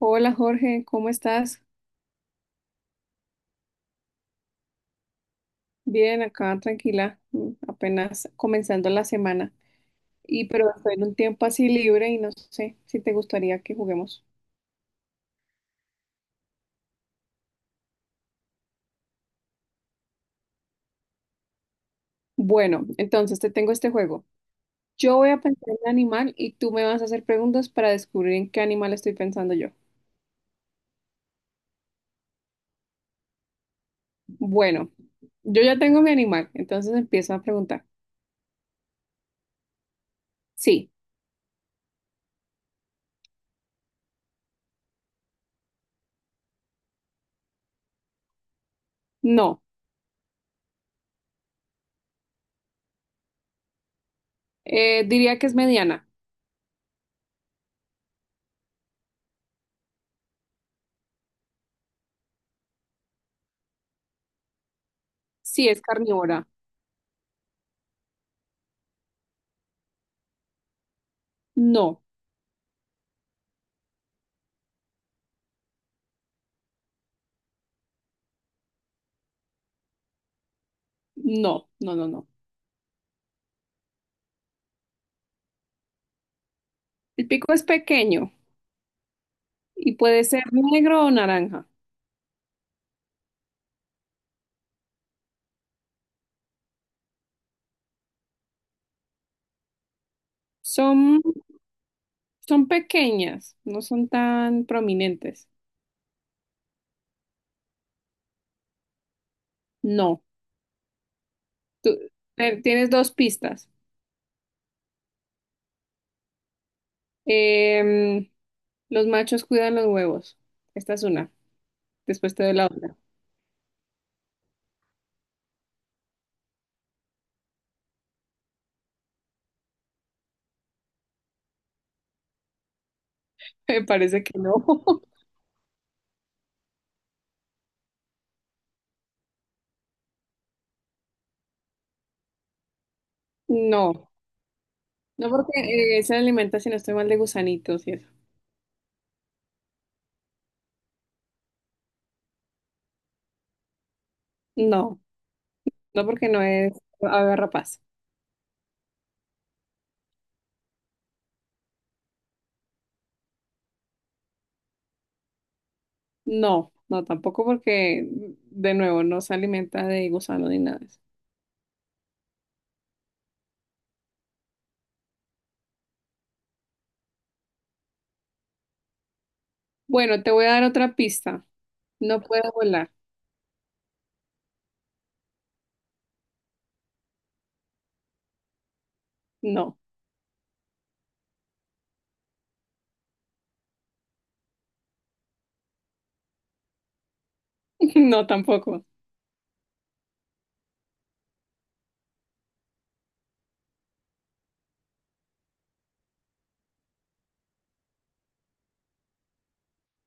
Hola Jorge, ¿cómo estás? Bien, acá tranquila, apenas comenzando la semana. Y pero estoy en un tiempo así libre y no sé si te gustaría que juguemos. Bueno, entonces te tengo este juego. Yo voy a pensar en un animal y tú me vas a hacer preguntas para descubrir en qué animal estoy pensando yo. Bueno, yo ya tengo mi animal, entonces empiezo a preguntar. Sí, no. Diría que es mediana. Sí, es carnívora. No, no, no, no, no. El pico es pequeño y puede ser negro o naranja. Son, son pequeñas, no son tan prominentes. No, tú tienes dos pistas. Em, los machos cuidan los huevos. Esta es una. Después te doy la otra. Me parece que no. No, no porque se alimenta, si no estoy mal, de gusanitos y eso. No, no porque no es ave rapaz. No, no tampoco porque, de nuevo, no se alimenta de gusano ni nada de eso. Bueno, te voy a dar otra pista. No puedo volar. No, no tampoco.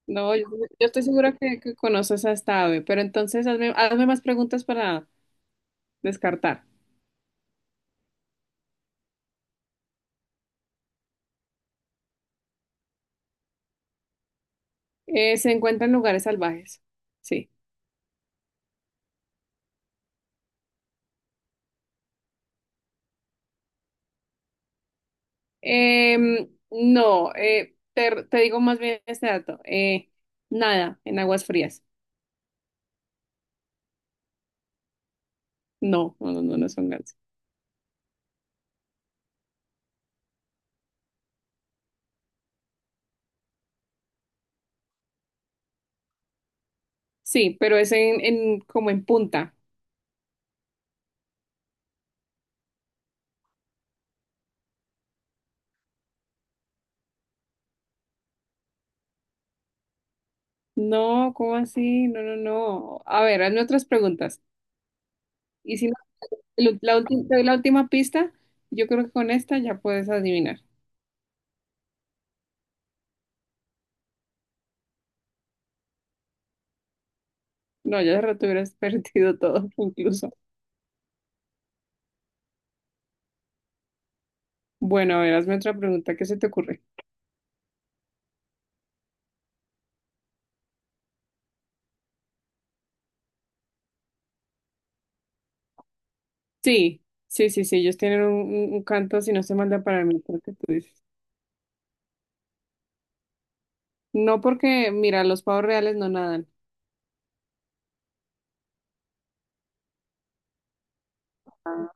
No, yo estoy segura que conoces a esta ave, pero entonces hazme, hazme más preguntas para descartar. ¿Se encuentra en lugares salvajes? Sí. Em, no, te digo más bien este dato. Nada, en aguas frías. No, no, no, no, no son gansos. Sí, pero es en, como en punta. No, ¿cómo así? No, no, no. A ver, hazme otras preguntas. Y si te doy la última pista, yo creo que con esta ya puedes adivinar. No, ya de rato hubieras perdido todo, incluso. Bueno, a ver, hazme otra pregunta, ¿qué se te ocurre? Sí, sí, sí, sí, ellos tienen un canto, si no se manda para mí, creo que tú dices. No porque, mira, los pavos reales no nadan. Ah.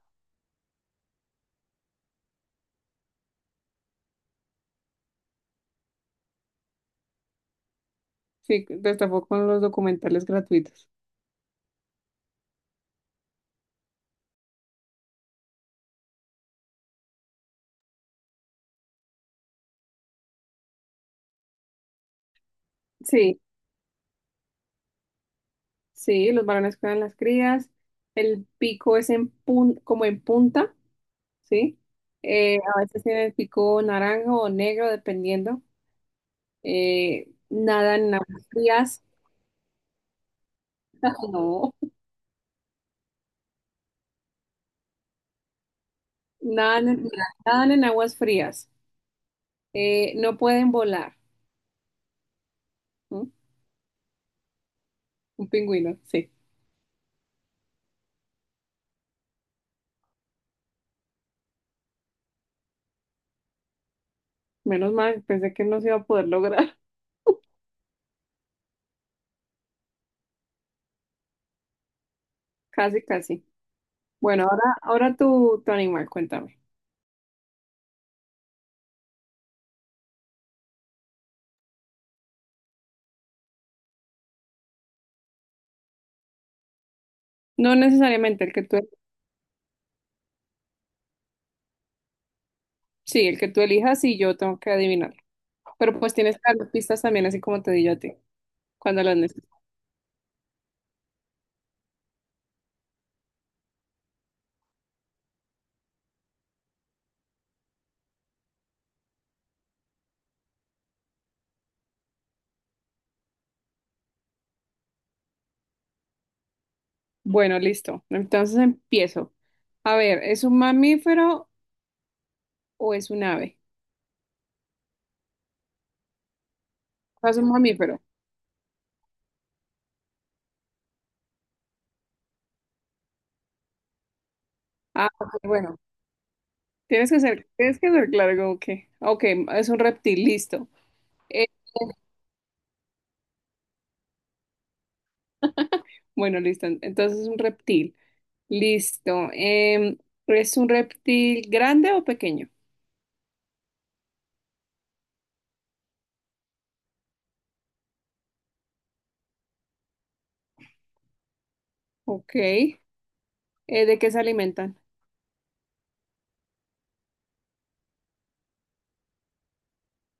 Sí, destapó con los documentales gratuitos. Sí, sí, los varones cuidan las crías, el pico es en como en punta, ¿sí? A veces tiene el pico naranja o negro, dependiendo. Nadan en aguas frías, no, nadan, en nadan en aguas frías, no pueden volar. ¿M? Un pingüino, sí. Menos mal, pensé que no se iba a poder lograr. Casi, casi. Bueno, ahora, tu animal, cuéntame. No necesariamente el que tú, sí, el que tú elijas y yo tengo que adivinar. Pero pues tienes que dar pistas también, así como te di yo a ti, cuando las necesites. Bueno, listo. Entonces empiezo. A ver, ¿es un mamífero o es un ave? Es un mamífero. Ah, ok, bueno, tienes que ser claro como que, ah, ok, es un reptil, listo. Eh, bueno, listo, entonces es un reptil, listo. ¿Es un reptil grande o pequeño? Ok, ¿de qué se alimentan?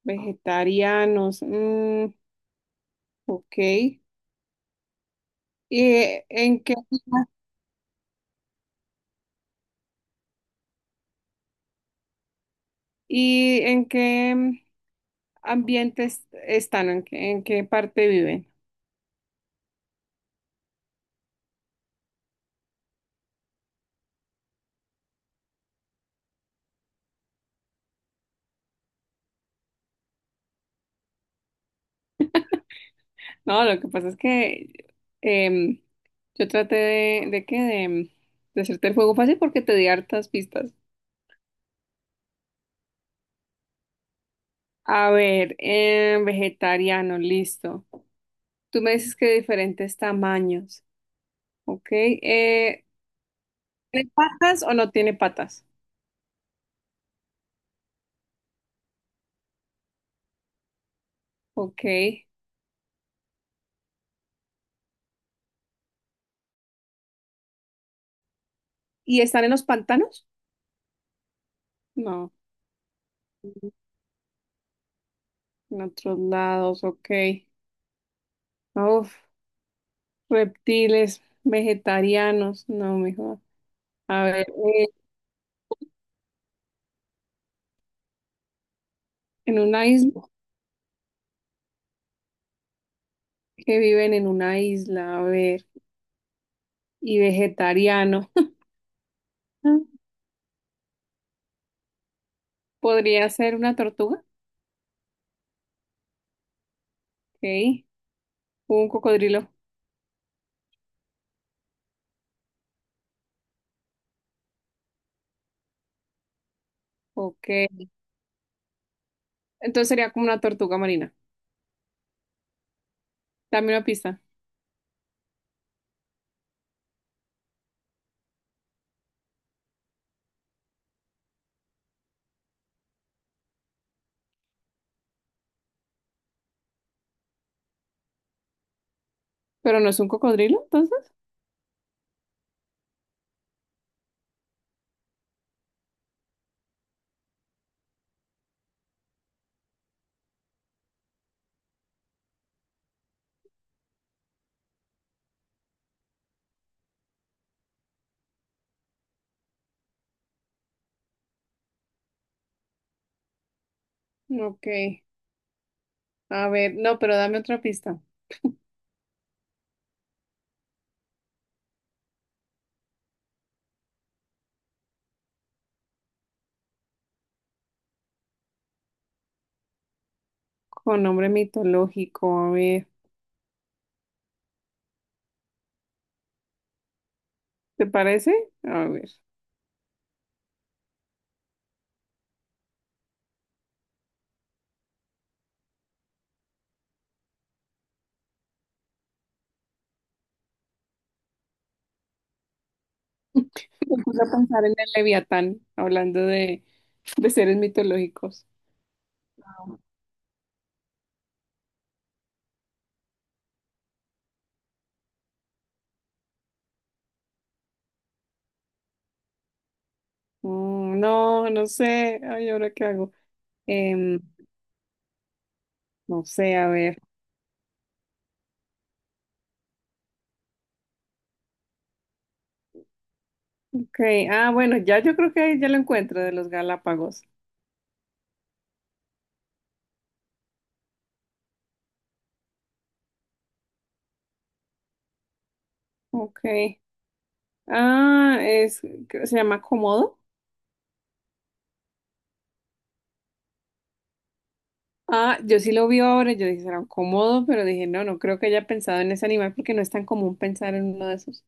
Vegetarianos, mm, ok. ¿Y eh, en qué, en qué ambientes están? ¿En qué parte viven? No, lo que pasa es que em, yo traté de hacerte el juego fácil porque te di hartas pistas. A ver, vegetariano, listo. Tú me dices que de diferentes tamaños, ¿ok? ¿Tiene patas o no tiene patas? Ok. ¿Y están en los pantanos? No, en otros lados, ok. Uf, reptiles, vegetarianos, no, mejor. A ver, ¿en una isla? Que viven en una isla, a ver, y vegetariano. Podría ser una tortuga, ok. Un cocodrilo, ok. Entonces sería como una tortuga marina. Dame una pista. Pero no es un cocodrilo, entonces. Ok. A ver, no, pero dame otra pista. Con nombre mitológico, a ver. ¿Te parece? A ver. Me puse a pensar en el Leviatán, hablando de seres mitológicos. Mm, no, no sé. Ay, ¿ahora qué hago? Em, no sé, a ver. Ok. Ah, bueno, ya yo creo que ya lo encuentro de los Galápagos. Ok. Ah, es, se llama Komodo. Ah, yo sí lo vi ahora, yo dije, será un Komodo, pero dije, no, no creo que haya pensado en ese animal porque no es tan común pensar en uno de esos.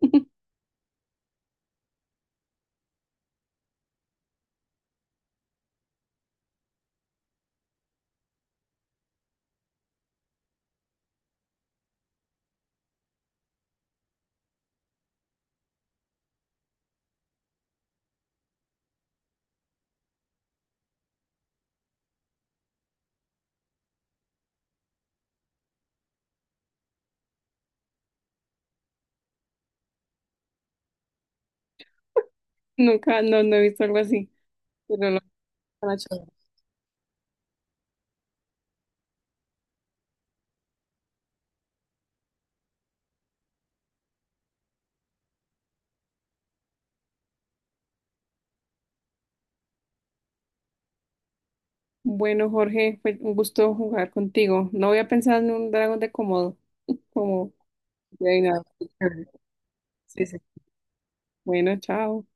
Nunca, no, no he visto algo así. Pero lo tan chévere. Bueno, Jorge, fue un gusto jugar contigo. No había pensado en un dragón de Komodo, como de nada. Sí, sí. Bueno, chao.